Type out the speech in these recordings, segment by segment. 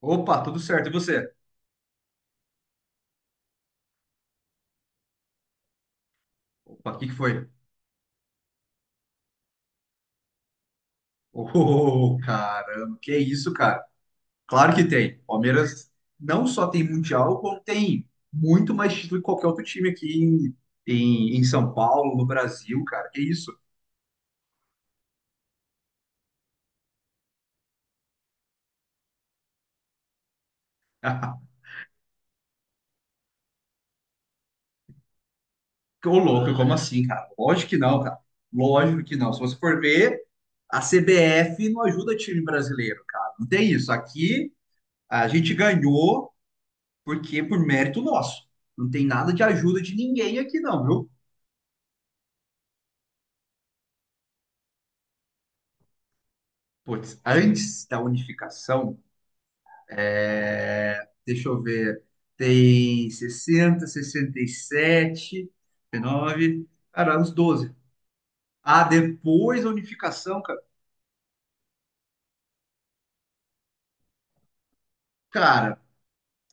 Opa, tudo certo. E você? Opa, o que que foi? Ô, caramba, que isso, cara? Claro que tem. Palmeiras não só tem Mundial, como tem muito mais título que qualquer outro time aqui em São Paulo, no Brasil, cara. Que isso? Ô, louco, como assim, cara? Lógico que não, cara. Lógico que não. Se você for ver, a CBF não ajuda time brasileiro, cara. Não tem isso. Aqui a gente ganhou porque por mérito nosso. Não tem nada de ajuda de ninguém aqui, não, viu? Putz, antes da unificação, é, deixa eu ver, tem 60, 67, 19, cara, uns 12. Ah, depois da unificação, cara,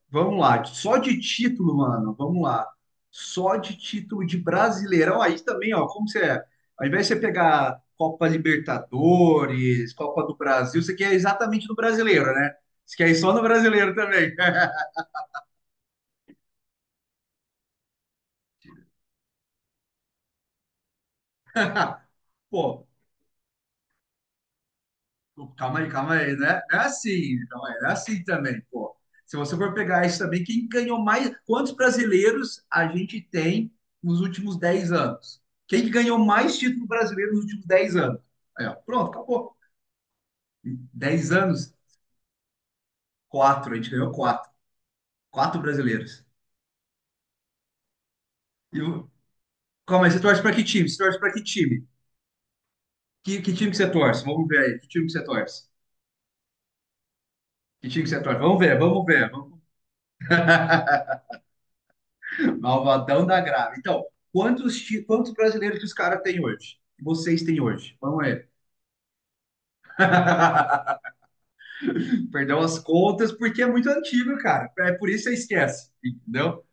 vamos lá, só de título, mano, vamos lá. Só de título de Brasileirão, aí também, ó, como você é, ao invés de você pegar Copa Libertadores, Copa do Brasil, você quer exatamente no brasileiro, né? Você quer ir só no brasileiro também. Pô, Pô, calma aí, calma aí, né? Não é assim, calma aí, não é assim também, pô. Se você for pegar isso também, quem ganhou mais? Quantos brasileiros a gente tem nos últimos 10 anos? Quem que ganhou mais título brasileiro nos últimos 10 anos? Aí, ó, pronto, acabou. 10 anos, quatro, a gente ganhou quatro. Quatro brasileiros. E o- Calma aí, você torce para que time? Você torce para que time? Que time que você torce? Vamos ver aí, que time que você torce? Que time que você torce? Vamos ver, vamos ver. Vamos. Malvadão da grave. Então, quantos brasileiros que os caras têm hoje? Que vocês têm hoje? Vamos ver. Perdeu as contas porque é muito antigo, cara. É por isso que você esquece, entendeu?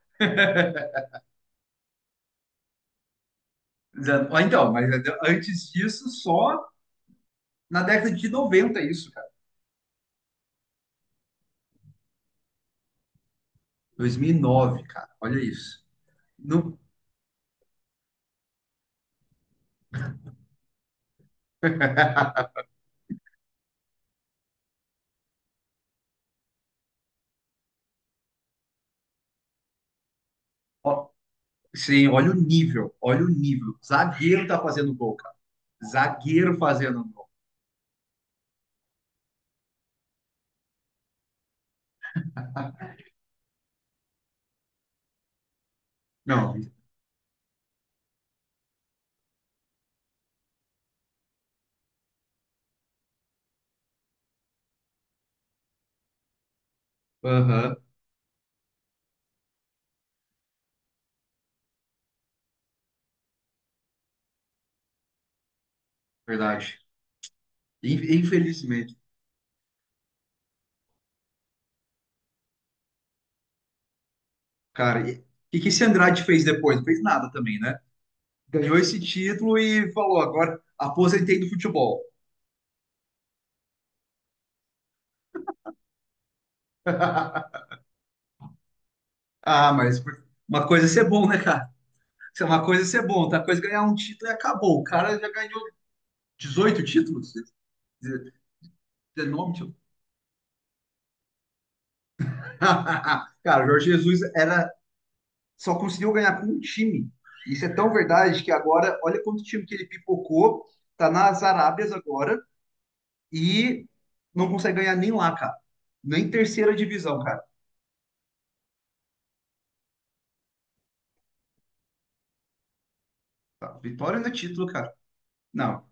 Então, mas antes disso, só na década de 90 isso, cara. 2009, cara. Olha isso. No- ó, sim, olha o nível, olha o nível. Zagueiro tá fazendo gol, cara. Zagueiro fazendo gol. Não. Aham, verdade. Infelizmente. Cara, e o que que esse Andrade fez depois? Não fez nada também, né? Ganhou esse título e falou, agora aposentei do futebol. Ah, mas uma coisa é ser bom, né, cara? Uma coisa é ser bom, outra coisa é ganhar um título e acabou. O cara já ganhou 18 títulos, 19 títulos. Cara, o Jorge Jesus era, só conseguiu ganhar com um time. Isso é tão verdade que agora, olha quanto time que ele pipocou, tá nas Arábias agora e não consegue ganhar nem lá, cara. Nem terceira divisão, cara. Tá, Vitória não é título, cara. Não,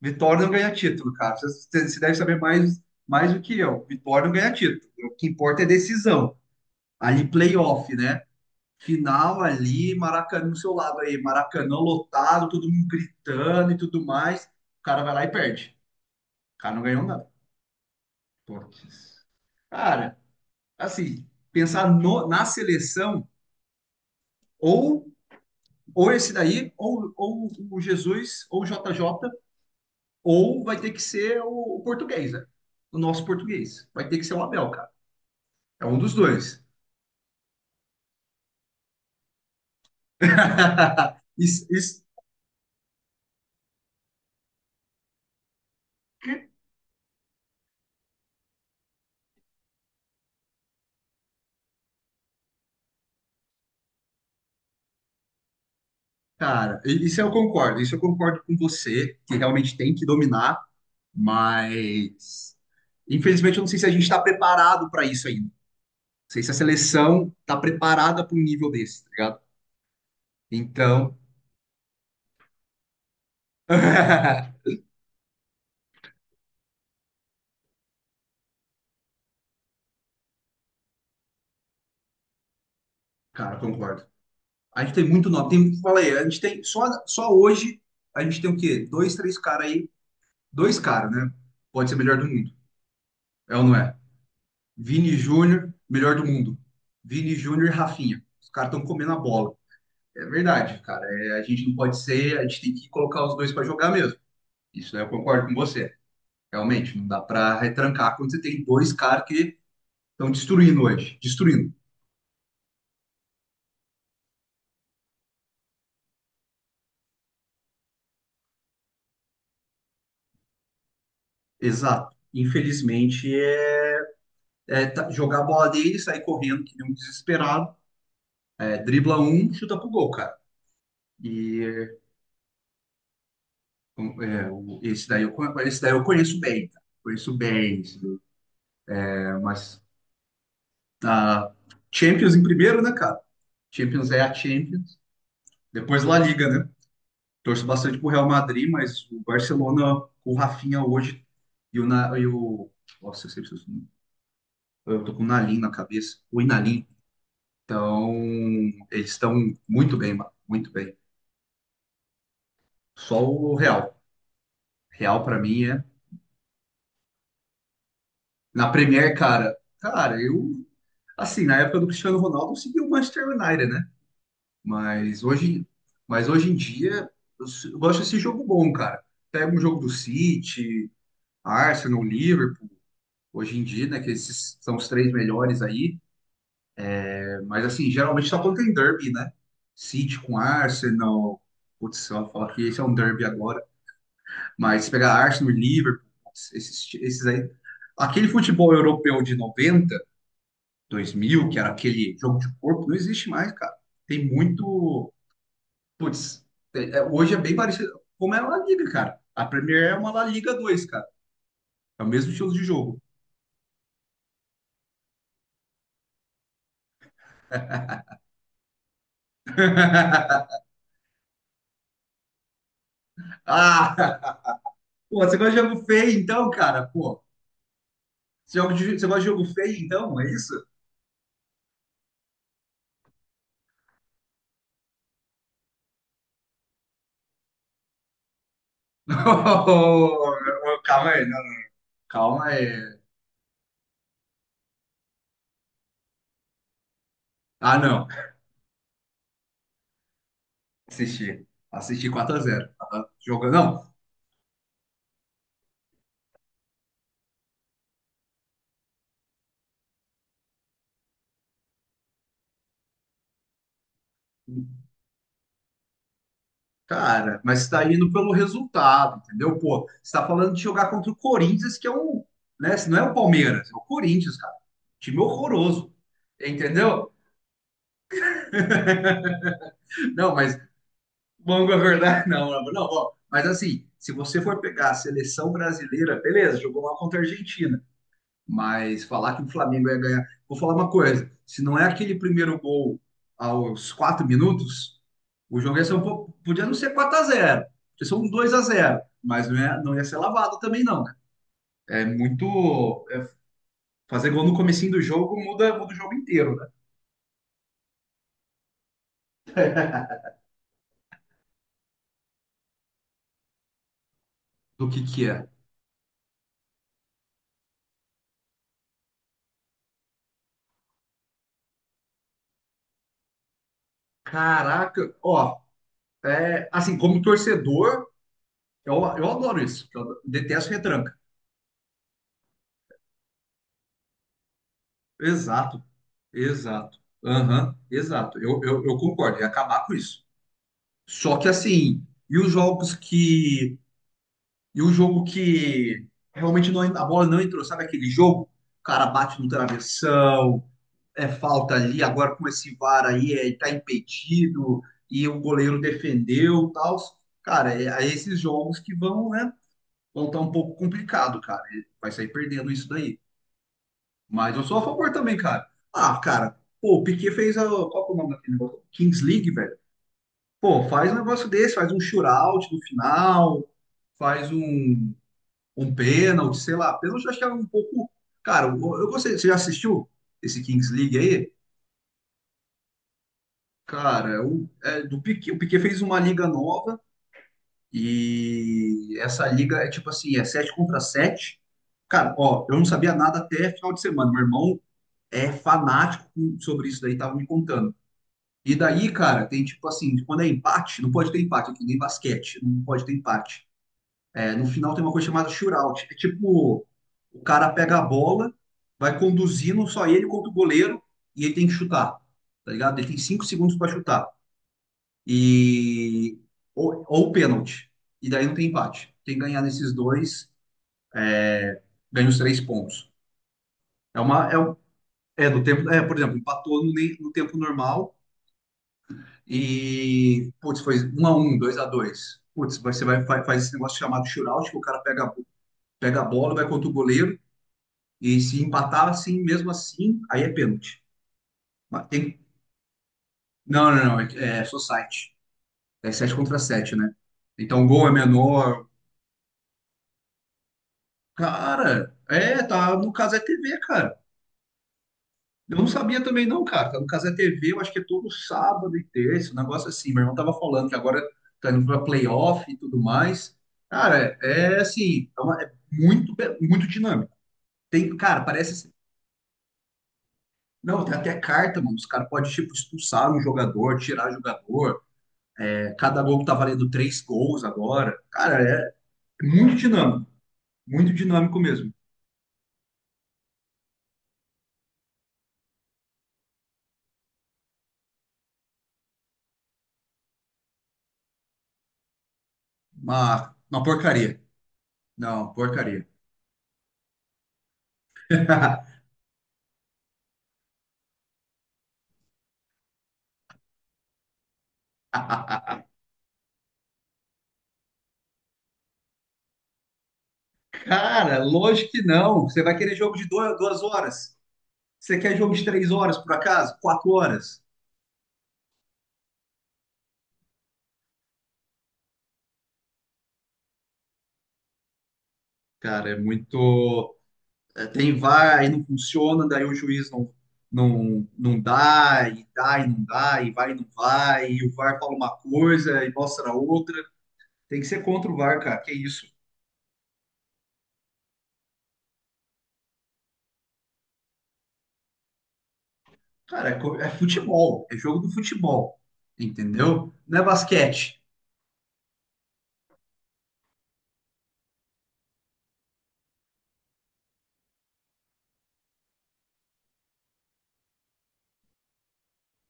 Vitória não ganha título, cara. Você deve saber mais do que eu. Vitória não ganha título. O que importa é decisão. Ali, playoff, né? Final ali, Maracanã no seu lado aí. Maracanã lotado, todo mundo gritando e tudo mais. O cara vai lá e perde. O cara não ganhou nada. Putz. Cara, assim, pensar na seleção, ou, ou esse daí, ou o Jesus, ou o JJ. Ou vai ter que ser o português, né? O nosso português. Vai ter que ser o Abel, cara. É um dos dois. Isso, isso- cara, isso eu concordo. Isso eu concordo com você, que realmente tem que dominar, mas infelizmente eu não sei se a gente está preparado para isso ainda. Não sei se a seleção está preparada para um nível desse, tá ligado? Então, cara, concordo. A gente tem muito nome. Tem, falei, a gente tem só hoje a gente tem o quê? Dois, três caras aí. Dois caras, né? Pode ser melhor do mundo. É ou não é? Vini Júnior, melhor do mundo. Vini Júnior e Rafinha. Os caras estão comendo a bola. É verdade, cara. É, a gente não pode ser, a gente tem que colocar os dois para jogar mesmo. Isso daí eu concordo com você. Realmente, não dá para retrancar quando você tem dois caras que estão destruindo hoje. Destruindo. Exato. Infelizmente, jogar a bola dele, sair correndo, que nem um desesperado. É, dribla um, chuta pro gol, cara. E esse daí eu conheço bem, cara. Conheço bem, esse daí, né? Mas tá, Champions em primeiro, né, cara? Champions é a Champions. Depois La Liga, né? Torço bastante pro Real Madrid, mas o Barcelona com o Rafinha hoje e o, Na- e o nossa, eu sempre esqueço o nome. Eu tô com o Nalim na cabeça, o Inalim. Então, eles estão muito bem, mano, muito bem. Só o Real. Real pra mim é na Premier, cara. Cara, eu assim, na época do Cristiano Ronaldo, eu segui o Manchester United, né? Mas hoje, mas hoje em dia, eu gosto desse jogo bom, cara. Pega um jogo do City, Arsenal, Liverpool, hoje em dia, né, que esses são os três melhores aí. É, mas, assim, geralmente só quando tem derby, né? City com Arsenal. Putz, só falar que esse é um derby agora. Mas se pegar Arsenal e Liverpool, putz, esses aí. Aquele futebol europeu de noventa dois mil que era aquele jogo de corpo, não existe mais, cara. Tem muito. Putz, hoje é bem parecido como é a La Liga, cara. A Premier é uma La Liga 2, cara. É o mesmo estilo de jogo. Ah, pô, você gosta de jogo feio então, cara? Pô, você gosta de jogo feio então? É isso? Ô, calma aí, não, calma aí. Ah, não. Assisti. Assisti 4-0. Jogando, não. Cara, mas está indo pelo resultado, entendeu? Pô, você está falando de jogar contra o Corinthians, que é um, né? Se não é o Palmeiras, é o Corinthians, cara. Time horroroso, entendeu? Não, mas vamos com a verdade, não, não, ó, mas assim, se você for pegar a seleção brasileira, beleza, jogou lá contra a Argentina. Mas falar que o Flamengo ia ganhar. Vou falar uma coisa: se não é aquele primeiro gol aos 4 minutos, o jogo ia ser um pouco. Podia não ser 4-0. Podia ser um 2-0. Mas não ia ser lavado também, não, né? É muito. Fazer gol no comecinho do jogo muda o jogo inteiro, né? Do que é. Caraca, ó, assim, como torcedor, eu adoro isso. Eu detesto retranca. Exato, exato. Aham, exato. Eu concordo, ia acabar com isso. Só que assim, e os jogos que. E o jogo que realmente não, a bola não entrou, sabe aquele jogo? O cara bate no travessão, é falta ali, agora com esse VAR aí, tá impedido, e o goleiro defendeu e tal. Cara, é esses jogos que vão, né? Vão estar um pouco complicado, cara. Ele vai sair perdendo isso daí. Mas eu sou a favor também, cara. Ah, cara, pô, o Piquet fez a. Qual que é o nome daquele negócio? Kings League, velho. Pô, faz um negócio desse, faz um shootout no final, faz um pênalti, sei lá. Pênalti eu acho que é um pouco. Cara, eu gostei. Você já assistiu esse Kings League aí? Cara, é do Piquet, o Piquet fez uma liga nova e essa liga é tipo assim, é 7 contra 7. Cara, ó, eu não sabia nada até final de semana. Meu irmão é fanático sobre isso daí, tava me contando. E daí, cara, tem tipo assim, quando é empate, não pode ter empate aqui, nem basquete, não pode ter empate. É, no final tem uma coisa chamada shootout. É tipo, o cara pega a bola, vai conduzindo só ele contra o goleiro e ele tem que chutar, tá ligado? Ele tem 5 segundos para chutar. E ou pênalti. E daí não tem empate. Quem ganhar nesses dois ganha os três pontos. É uma é, um- é do tempo, por exemplo, empatou no tempo normal e putz, foi 1-1, 2-2. Putz, faz esse negócio chamado shootout, que o cara pega a bola, vai contra o goleiro. E se empatar assim, mesmo assim, aí é pênalti. Mas tem. Não, não, não. É society. É 7 contra sete, né? Então o gol é menor. Cara, tá no Casé TV, cara. Eu não sabia também, não, cara. Tá no Casé TV, eu acho que é todo sábado e terça, um negócio assim. Meu irmão tava falando que agora tá indo pra playoff e tudo mais. Cara, é assim, é muito, muito dinâmico. Tem, cara, parece, assim. Não, tem até carta, mano. Os caras podem, tipo, expulsar um jogador, tirar jogador. Cada gol que tá valendo três gols agora. Cara, é muito dinâmico. Muito dinâmico mesmo. Uma porcaria. Não, porcaria. Cara, lógico que não. Você vai querer jogo de duas horas. Você quer jogo de 3 horas, por acaso? 4 horas. Cara, é muito. Tem VAR e não funciona, daí o juiz não dá, e dá e não dá, e vai e não vai, e o VAR fala uma coisa e mostra outra. Tem que ser contra o VAR, cara. Que isso. Cara, é futebol, é jogo do futebol, entendeu? Não é basquete,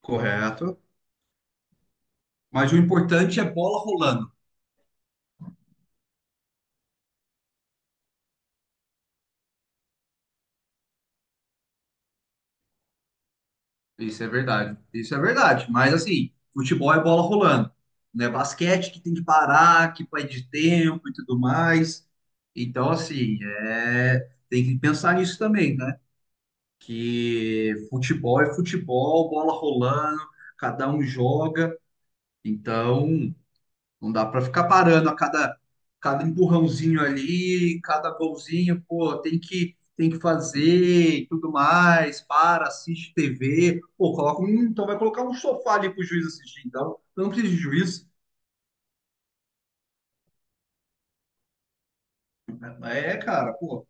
correto? Mas o importante é bola rolando. Isso é verdade, isso é verdade. Mas assim, futebol é bola rolando, não é basquete que tem que parar, que vai de tempo e tudo mais. Então, assim, tem que pensar nisso também, né? Que futebol é futebol, bola rolando, cada um joga. Então. Não dá para ficar parando a cada empurrãozinho ali, cada golzinho, pô, tem que fazer e tudo mais, para, assiste TV, pô, coloca um, então vai colocar um sofá ali pro juiz assistir, então, eu não preciso de juiz. É, cara, pô.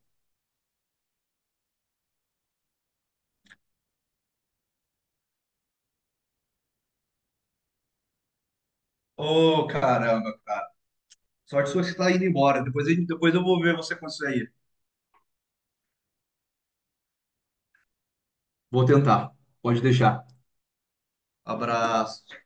Ô, caramba. Sorte sua que você tá indo embora. Depois, depois eu vou ver você com isso aí. Vou tentar. Pode deixar. Abraço.